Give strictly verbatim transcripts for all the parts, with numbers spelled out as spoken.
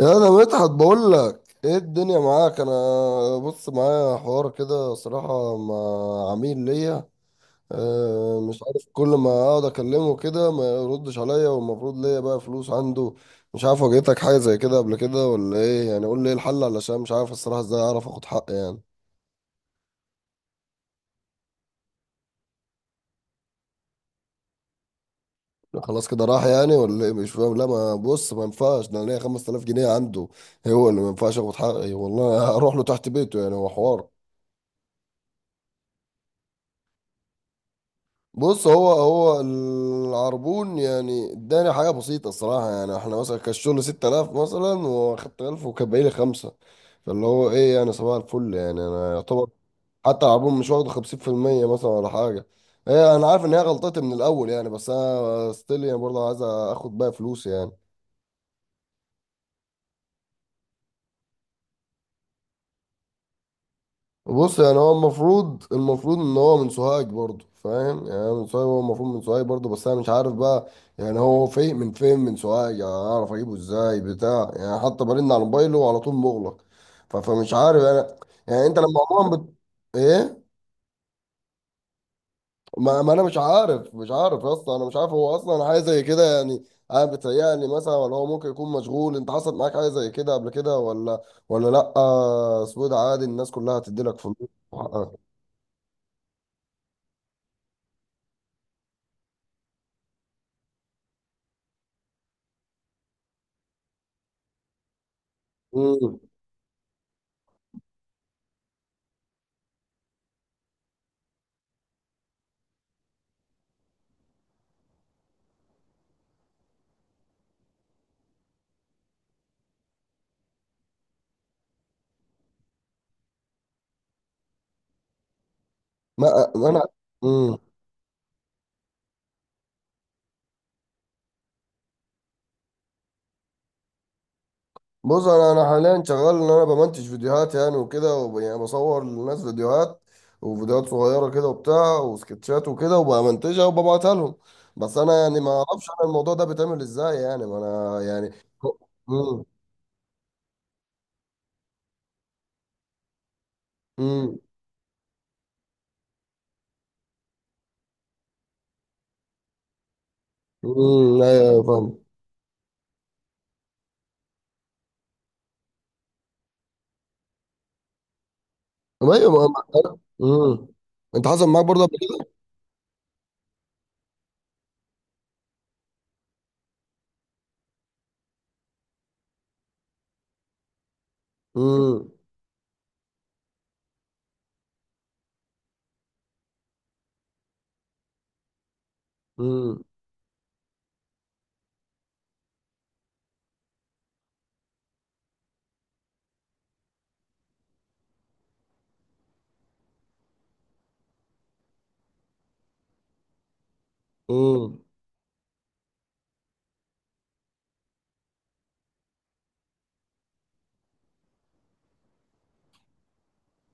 يا انا مدحت بقول لك ايه الدنيا معاك انا. بص معايا حوار كده صراحة مع عميل ليا. آه، مش عارف، كل ما اقعد اكلمه كده ما يردش عليا، والمفروض ليا بقى فلوس عنده. مش عارف، واجهتك حاجة زي كده قبل كده ولا ايه؟ يعني قول لي ايه الحل، علشان مش عارف الصراحة ازاي اعرف اخد حقي يعني. خلاص كده راح يعني ولا ايه؟ مش فاهم. لا ما بص، ما ينفعش ده، انا ليا خمس آلاف جنيه عنده. هو اللي ما ينفعش اخد حقي والله، هروح له تحت بيته يعني، هو حوار. بص، هو هو العربون يعني اداني حاجه بسيطه الصراحه، يعني احنا مثلا كان الشغل ستة آلاف مثلا، واخدت ألف وكان باقي لي خمسه. فاللي هو ايه يعني، صباح الفل يعني، انا يعتبر حتى العربون مش واخد خمسين في المية مثلا ولا حاجه. ايه، انا عارف ان هي غلطتي من الاول يعني، بس انا ستيل يعني برضه عايز اخد بقى فلوس يعني. بص يعني هو المفروض المفروض ان هو من سوهاج برضه، فاهم يعني؟ أنا من سوهاج، هو المفروض من سوهاج برضه، بس انا مش عارف بقى. يعني هو فين، من فين من سوهاج يعني؟ اعرف اجيبه ازاي بتاع يعني؟ حتى برن على موبايله وعلى طول مغلق. ف- فمش عارف انا. يعني انت لما عموما بت... ايه ما, ما انا مش عارف مش عارف يا اسطى، انا مش عارف هو اصلا حاجه زي كده يعني. انا بتهيألي مثلا ولا هو ممكن يكون مشغول، انت حصلت معاك حاجه زي كده قبل كده ولا ولا لا؟ اسود عادي، الناس كلها هتدي لك فلوس وحقك. ما ما انا. امم. بص انا انا حاليا شغال ان انا بمنتج فيديوهات يعني وكده وب- يعني بصور للناس فيديوهات، وفيديوهات صغيره كده وبتاع وسكتشات وكده وبمنتجها وببعتها لهم. بس انا يعني ما اعرفش انا الموضوع ده بيتعمل ازاي يعني، ما انا يعني. امم، امم، امم، ايوه، أيوة، فاهم. طب ايوه ما. ما- امم. انت حصل معاك برضه قبل كده. امم، امم، امم.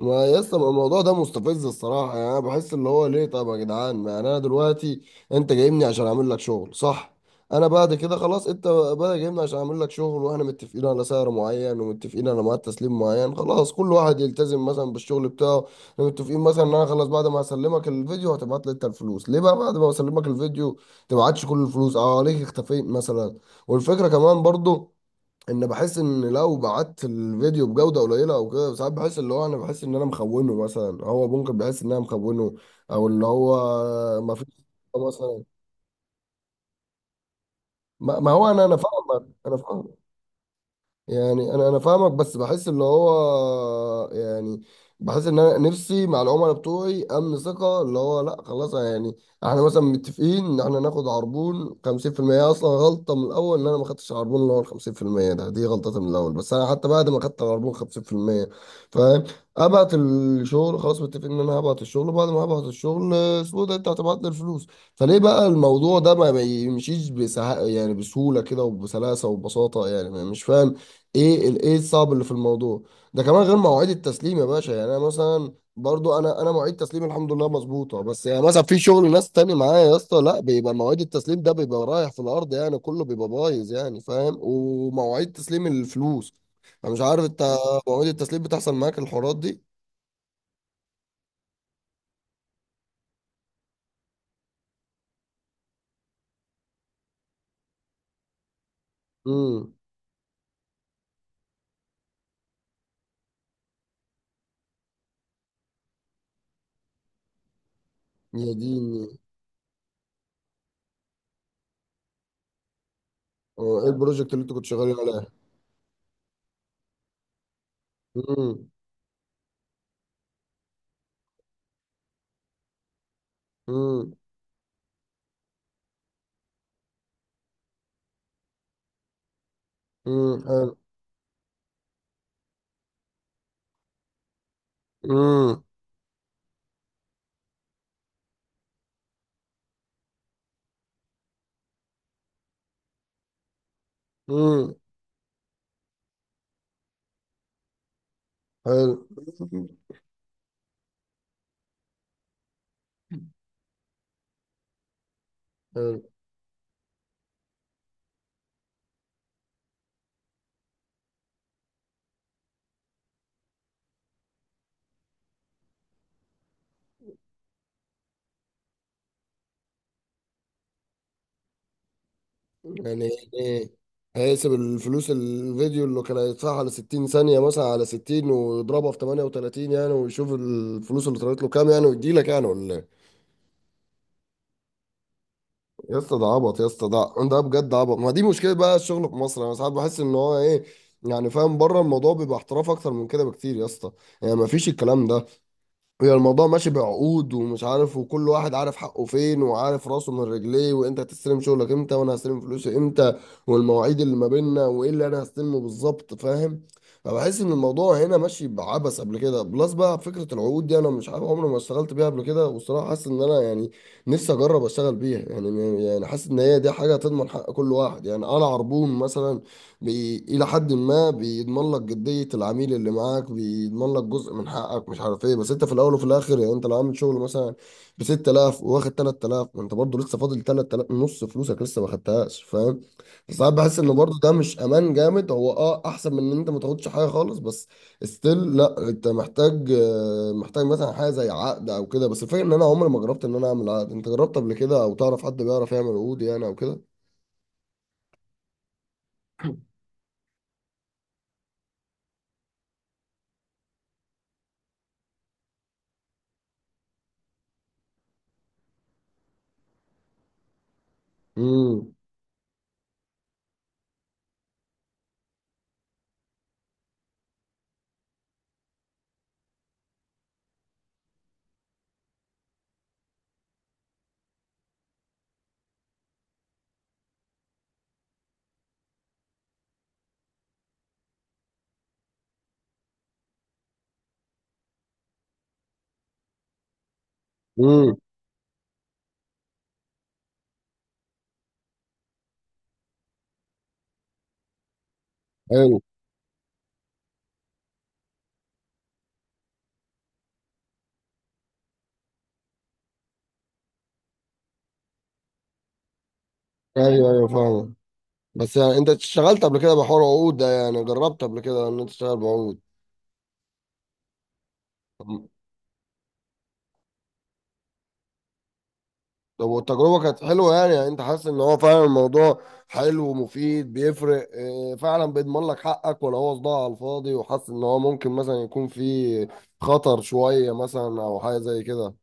ما يا اسطى الموضوع ده مستفز الصراحة، يعني أنا بحس اللي هو ليه؟ طب يا جدعان ما يعني، أنا دلوقتي، أنت جايبني عشان أعمل لك شغل، صح؟ أنا بعد كده خلاص، أنت بقى جايبني عشان أعمل لك شغل، وإحنا متفقين على سعر معين ومتفقين على ميعاد تسليم معين، خلاص كل واحد يلتزم مثلا بالشغل بتاعه. إحنا متفقين مثلا إن أنا خلاص بعد ما هسلمك الفيديو هتبعت لي أنت الفلوس، ليه بقى بعد ما أسلمك الفيديو تبعتش كل الفلوس؟ أه ليه اختفيت مثلا؟ والفكرة كمان برضو ان بحس ان لو بعت الفيديو بجوده قليله او كده، ساعات بحس اللي هو انا بحس ان انا مخونه مثلا، هو ممكن بحس ان انا مخونه. او اللي هو ما فيش مثلا. ما ما هو انا انا فاهمك، انا فاهم. يعني انا انا فاهمك، بس بحس اللي هو يعني. بحس ان انا نفسي مع العملاء بتوعي امن ثقه، اللي هو لا خلاص يعني. احنا مثلا متفقين ان احنا ناخد عربون خمسين في المية اصلا، غلطه من الاول ان انا ما خدتش عربون اللي هو ال خمسين في المية ده، دي غلطتي من الاول، بس انا حتى بعد ما خدت العربون خمسين بالمية فاهم، ابعت الشغل، خلاص متفقين ان انا هبعت الشغل، وبعد ما هبعت الشغل اسمه ده انت هتبعت لي الفلوس. فليه بقى الموضوع ده ما بيمشيش بسه... يعني بسهولة كده وبسلاسة وببساطة يعني؟ مش فاهم. ايه ال- ايه الصعب اللي في الموضوع ده؟ كمان غير مواعيد التسليم يا باشا، يعني انا مثلا برضو انا، انا مواعيد تسليمي الحمد لله مظبوطه، بس يعني مثلا في شغل ناس تاني معايا يا اسطى، لا بيبقى مواعيد التسليم ده بيبقى رايح في الارض يعني، كله بيبقى بايظ يعني فاهم، ومواعيد تسليم الفلوس انا مش عارف. انت مواعيد التسليم بتحصل معاك الحوارات دي؟ امم. يا ديني. هو ايه البروجكت اللي انت كنت شغال عليه؟ امم، امم، امم، حلو، امم، امم، حلو. حلو. يعني ايه؟ هيقسم الفلوس الفيديو اللي كان هيدفعها على 60 ثانية مثلا، على ستين ويضربها في تمنية وتلاتين يعني، ويشوف الفلوس اللي طلعت له كام يعني، ويديلك يعني ولا ايه؟ يا اسطى ده عبط يا اسطى، ده ده بجد عبط، ما دي مشكلة بقى الشغل في مصر، انا ساعات بحس ان هو ايه، يعني فاهم، بره الموضوع بيبقى احتراف اكتر من كده بكتير يا اسطى، يعني ما فيش الكلام ده. هي الموضوع ماشي بعقود ومش عارف، وكل واحد عارف حقه فين وعارف راسه من رجليه، وانت هتستلم شغلك امتى وانا هستلم فلوسي امتى، والمواعيد اللي ما بيننا، وايه اللي انا هستلمه بالظبط فاهم. فبحس ان الموضوع هنا ماشي بعبث. قبل كده بلس بقى فكرة العقود دي، انا مش عارف، عمري ما اشتغلت بيها قبل كده، والصراحة حاسس ان انا يعني نفسي اجرب اشتغل بيها يعني، يعني حاسس ان هي دي حاجة تضمن حق كل واحد، يعني انا عربون مثلا بي... إلى حد ما بيضمن لك جدية العميل اللي معاك، بيضمن لك جزء من حقك، مش عارف إيه، بس أنت في الأول وفي الآخر يعني أنت لو عامل شغل مثلا ب ستة آلاف وواخد تلات آلاف، ما أنت برضه لسه فاضل تلات آلاف نص فلوسك لسه ما خدتهاش فاهم. فساعات بحس إن برضه ده مش أمان جامد، هو أه أحسن من إن أنت ما تاخدش حاجة خالص، بس ستيل لا، أنت محتاج آه، محتاج مثلا حاجة زي عقد أو كده. بس الفكرة إن أنا عمري ما جربت إن أنا أعمل عقد، أنت جربت قبل كده أو تعرف حد بيعرف يعمل عقود يعني أو كده؟ امم، امم، ايوه، ايوه، فاهم. بس يعني انت اشتغلت قبل كده بحوار عقود ده يعني؟ جربت قبل كده ان انت تشتغل بعقود؟ طب، طب والتجربه كانت حلوه يعني, يعني, انت حاسس ان هو فعلا الموضوع حلو ومفيد بيفرق؟ اه، فعلا بيضمن لك حقك، ولا هو صداع على الفاضي وحاسس ان هو ممكن مثلا يكون فيه خطر شويه مثلا او حاجه زي كده؟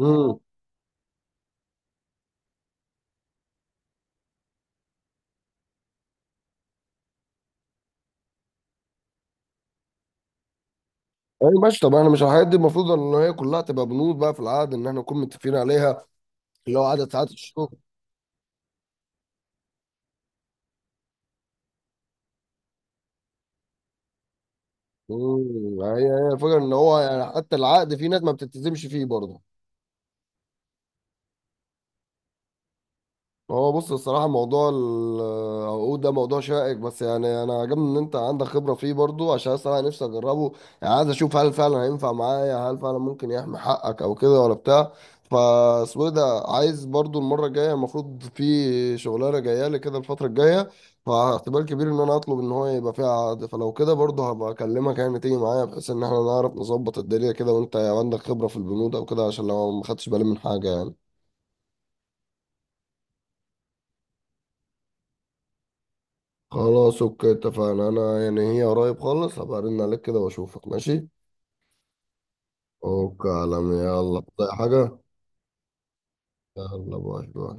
امم. ايوه ماشي. طب احنا مش الحاجات دي المفروض ان هي كلها تبقى بنود بقى في العقد ان احنا نكون متفقين عليها، اللي هو عدد ساعات الشغل؟ مم. هي هي الفكره ان هو يعني، حتى العقد في ناس ما بتلتزمش فيه برضه. هو بص، الصراحة موضوع العقود ده موضوع شائك، بس يعني أنا عجبني إن أنت عندك خبرة فيه برضو، عشان الصراحة نفسي أجربه. يعني عايز أشوف هل فعلا هينفع معايا، هل فعلا ممكن يحمي حقك أو كده ولا بتاع. فاسمه إيه ده، عايز برضو المرة الجاية، المفروض في شغلانة جاية لي كده الفترة الجاية، فاحتمال كبير إن أنا أطلب إن هو يبقى فيها عقد، فلو كده برضو هبقى أكلمك يعني تيجي معايا، بحيث إن إحنا نعرف نظبط الدنيا كده، وأنت عندك خبرة في البنود أو كده، عشان لو ما خدتش بالي من حاجة يعني. خلاص اوكي، اتفقنا. انا يعني هي قريب خالص، هبقى ارن عليك كده واشوفك ماشي. اوكي يا عالمي، يلا زي حاجة. يلا باي باي.